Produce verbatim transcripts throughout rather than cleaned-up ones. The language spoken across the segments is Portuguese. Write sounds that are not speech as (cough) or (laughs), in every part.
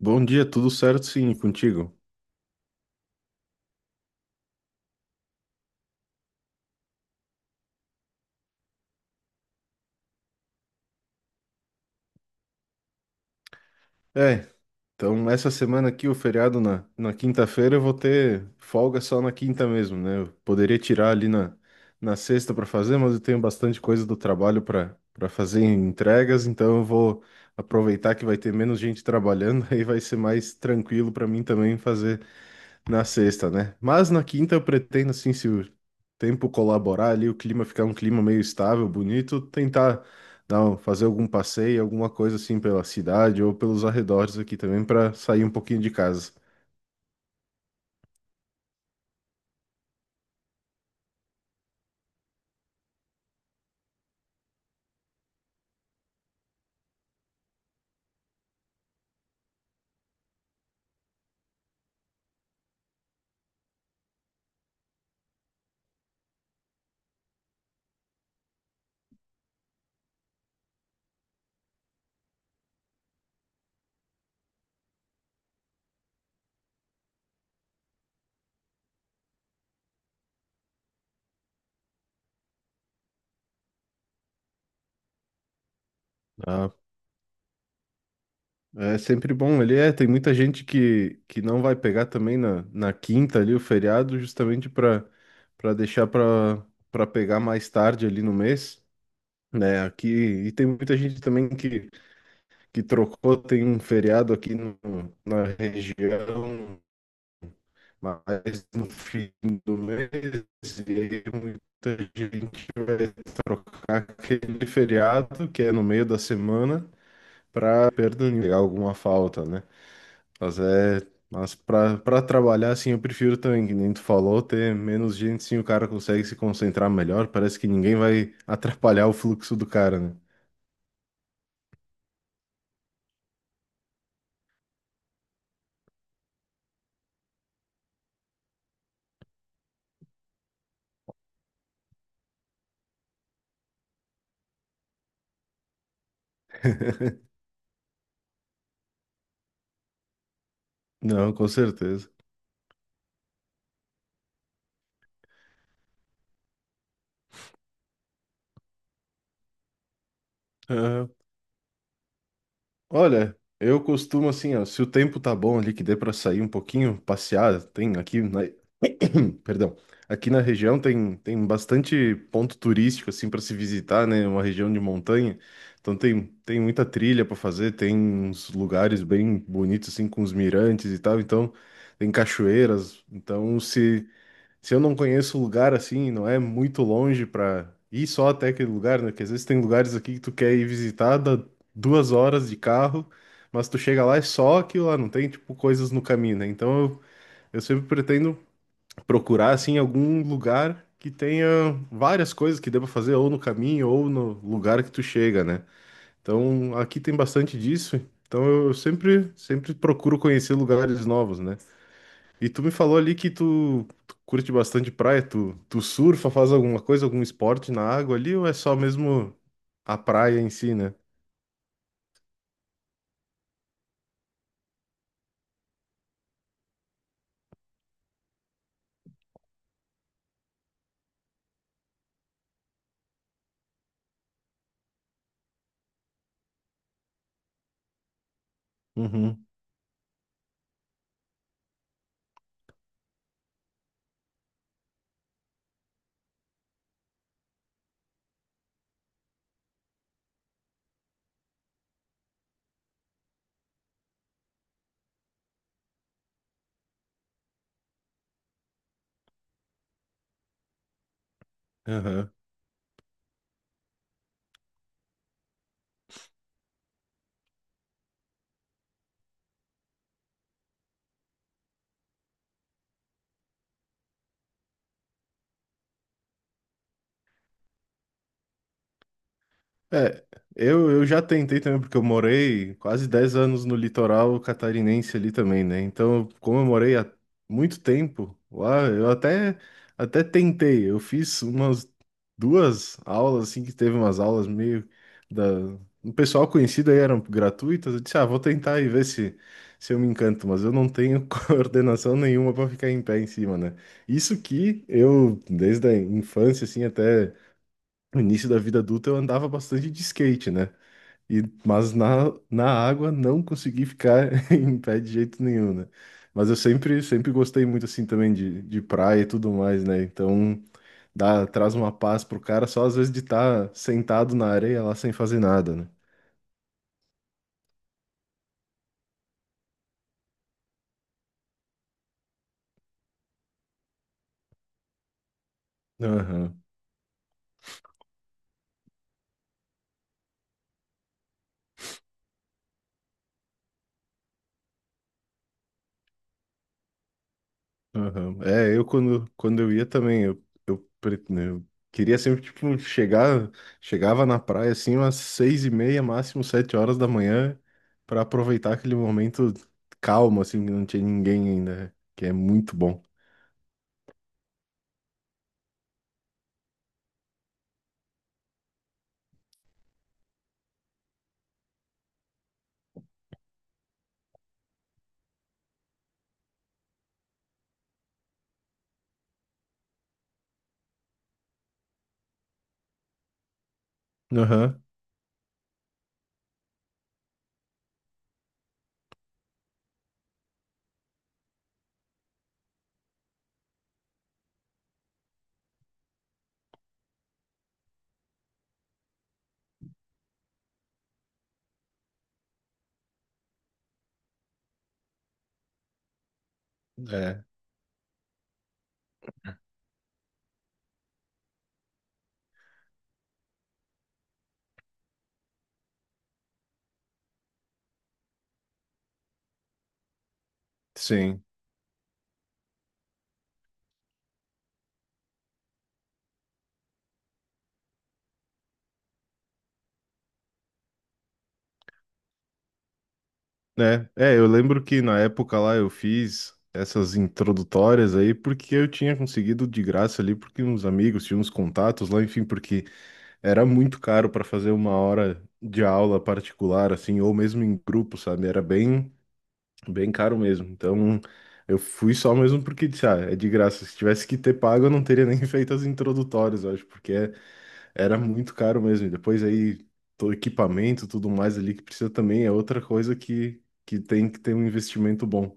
Bom dia, tudo certo? Sim, e contigo. É, então essa semana aqui, o feriado na, na quinta-feira, eu vou ter folga só na quinta mesmo, né? Eu poderia tirar ali na, na sexta para fazer, mas eu tenho bastante coisa do trabalho para para fazer em entregas, então eu vou aproveitar que vai ter menos gente trabalhando, (laughs) aí vai ser mais tranquilo para mim também fazer na sexta, né? Mas na quinta eu pretendo, assim, se o tempo colaborar ali, o clima ficar um clima meio estável, bonito, tentar dar, um- fazer algum passeio, alguma coisa assim pela cidade ou pelos arredores aqui também para sair um pouquinho de casa. Ah, é sempre bom. Ele é, tem muita gente que, que não vai pegar também na, na quinta ali o feriado, justamente para para deixar para para pegar mais tarde ali no mês, né? Aqui e tem muita gente também que que trocou, tem um feriado aqui no- na região, mas no fim do mês, e aí muita gente vai trocar aquele feriado, que é no meio da semana, para pegar alguma falta, né? Mas é. Mas para para trabalhar, assim, eu prefiro também, que nem tu falou, ter menos gente, sim, o cara consegue se concentrar melhor, parece que ninguém vai atrapalhar o fluxo do cara, né? Não, com certeza. Olha, eu costumo assim, ó, se o tempo tá bom ali, que dê pra sair um pouquinho, passear, tem aqui na, (clears throat) perdão, aqui na região tem, tem, bastante ponto turístico assim para se visitar, né? Uma região de montanha, então tem, tem muita trilha para fazer, tem uns lugares bem bonitos assim com os mirantes e tal, então tem cachoeiras, então se se eu não conheço o lugar assim, não é muito longe pra ir só até aquele lugar, né? Porque às vezes tem lugares aqui que tu quer ir visitar, dá duas horas de carro, mas tu chega lá é só aquilo lá, não tem tipo coisas no caminho, né? Então eu, eu sempre pretendo procurar assim algum lugar que tenha várias coisas que dê pra fazer ou no caminho ou no lugar que tu chega, né? Então aqui tem bastante disso. Então eu sempre sempre procuro conhecer lugares novos, né? E tu me falou ali que tu, tu curte bastante praia, tu, tu surfa, faz alguma coisa, algum esporte na água ali, ou é só mesmo a praia em si, né? Uhum. Aham. É, eu, eu já tentei também, porque eu morei quase dez anos no litoral catarinense ali também, né? Então, como eu morei há muito tempo lá, eu até, até tentei. Eu fiz umas duas aulas, assim, que teve umas aulas meio da... O pessoal conhecido aí eram gratuitas. Eu disse, ah, vou tentar e ver se, se eu me encanto, mas eu não tenho (laughs) coordenação nenhuma para ficar em pé em cima, né? Isso que eu, desde a infância, assim, até. No início da vida adulta eu andava bastante de skate, né? E, mas na, na água não consegui ficar (laughs) em pé de jeito nenhum, né? Mas eu sempre, sempre gostei muito assim também de, de praia e tudo mais, né? Então dá, traz uma paz pro cara só às vezes de estar sentado na areia lá sem fazer nada, né? Aham. Aham. É, eu quando, quando, eu ia também, eu, eu, pre- né, eu queria sempre, tipo, chegar, chegava na praia, assim, umas seis e meia, máximo sete horas da manhã, para aproveitar aquele momento calmo, assim, que não tinha ninguém ainda, que é muito bom. Aham. É, sim. É, é, eu lembro que na época lá eu fiz essas introdutórias aí porque eu tinha conseguido de graça ali, porque uns amigos tinham uns contatos lá, enfim, porque era muito caro para fazer uma hora de aula particular, assim, ou mesmo em grupo, sabe? Era bem, bem caro mesmo. Então, eu fui só mesmo porque disse, ah, é de graça. Se tivesse que ter pago, eu não teria nem (laughs) feito as introdutórias, eu acho, porque é- era muito caro mesmo. E depois aí, todo equipamento, tudo mais ali que precisa também é outra coisa que, que tem que ter um investimento bom.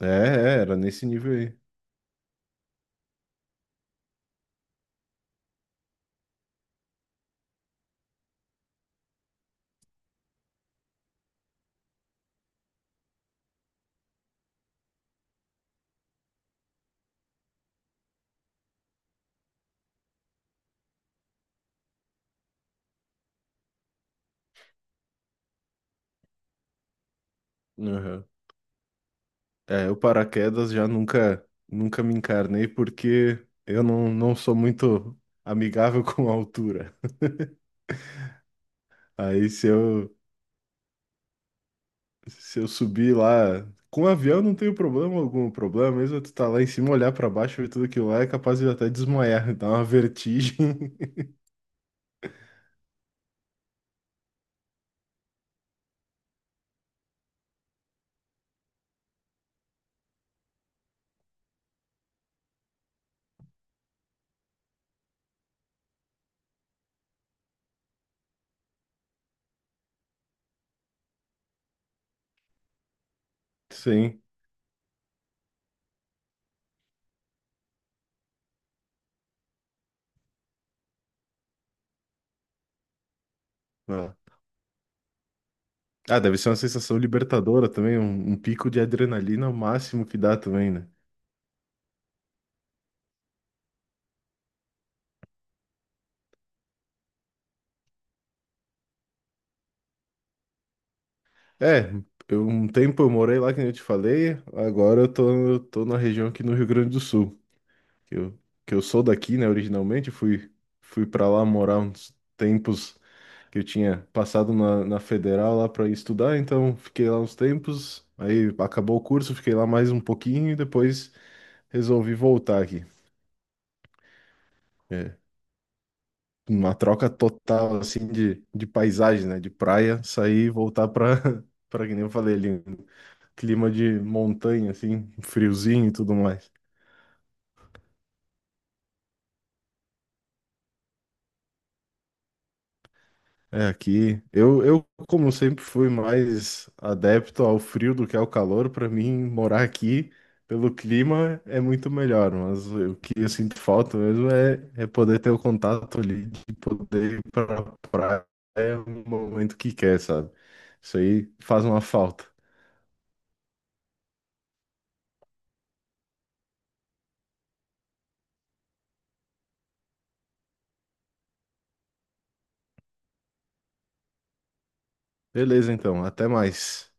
É, é, era nesse nível aí. Aham. É, o paraquedas já nunca, nunca me encarnei porque eu não, não sou muito amigável (laughs) com a altura. Aí se eu, se eu subir lá com o avião não tenho problema algum. O problema mesmo é tu tá lá em cima, olhar pra baixo, ver tudo aquilo lá, é capaz de até desmaiar, (laughs) dar uma vertigem. (laughs) Sim. Ah, Ah, deve ser uma sensação libertadora também, um, um pico de adrenalina ao máximo que dá também, né? É, eu, um tempo eu morei lá, que nem eu te falei, agora eu tô, eu tô na região aqui no Rio Grande do Sul. que eu, que eu, sou daqui, né, originalmente, fui, fui para lá morar uns tempos que eu tinha passado na, na Federal lá para estudar, então fiquei lá uns tempos, aí acabou o curso, fiquei lá mais um pouquinho e depois resolvi voltar aqui. É, uma troca total, assim, de, de paisagem, né, de praia, sair e voltar para, para (laughs) que nem eu falei ali, um clima de montanha, assim, friozinho e tudo mais. É aqui. Eu, eu, como sempre, fui mais adepto ao frio do que ao calor. Para mim, morar aqui pelo clima é muito melhor. Mas o que eu sinto falta mesmo é, é poder ter o contato ali, de poder ir pra praia no momento que quer, sabe? Isso aí faz uma falta. Beleza, então. Até mais.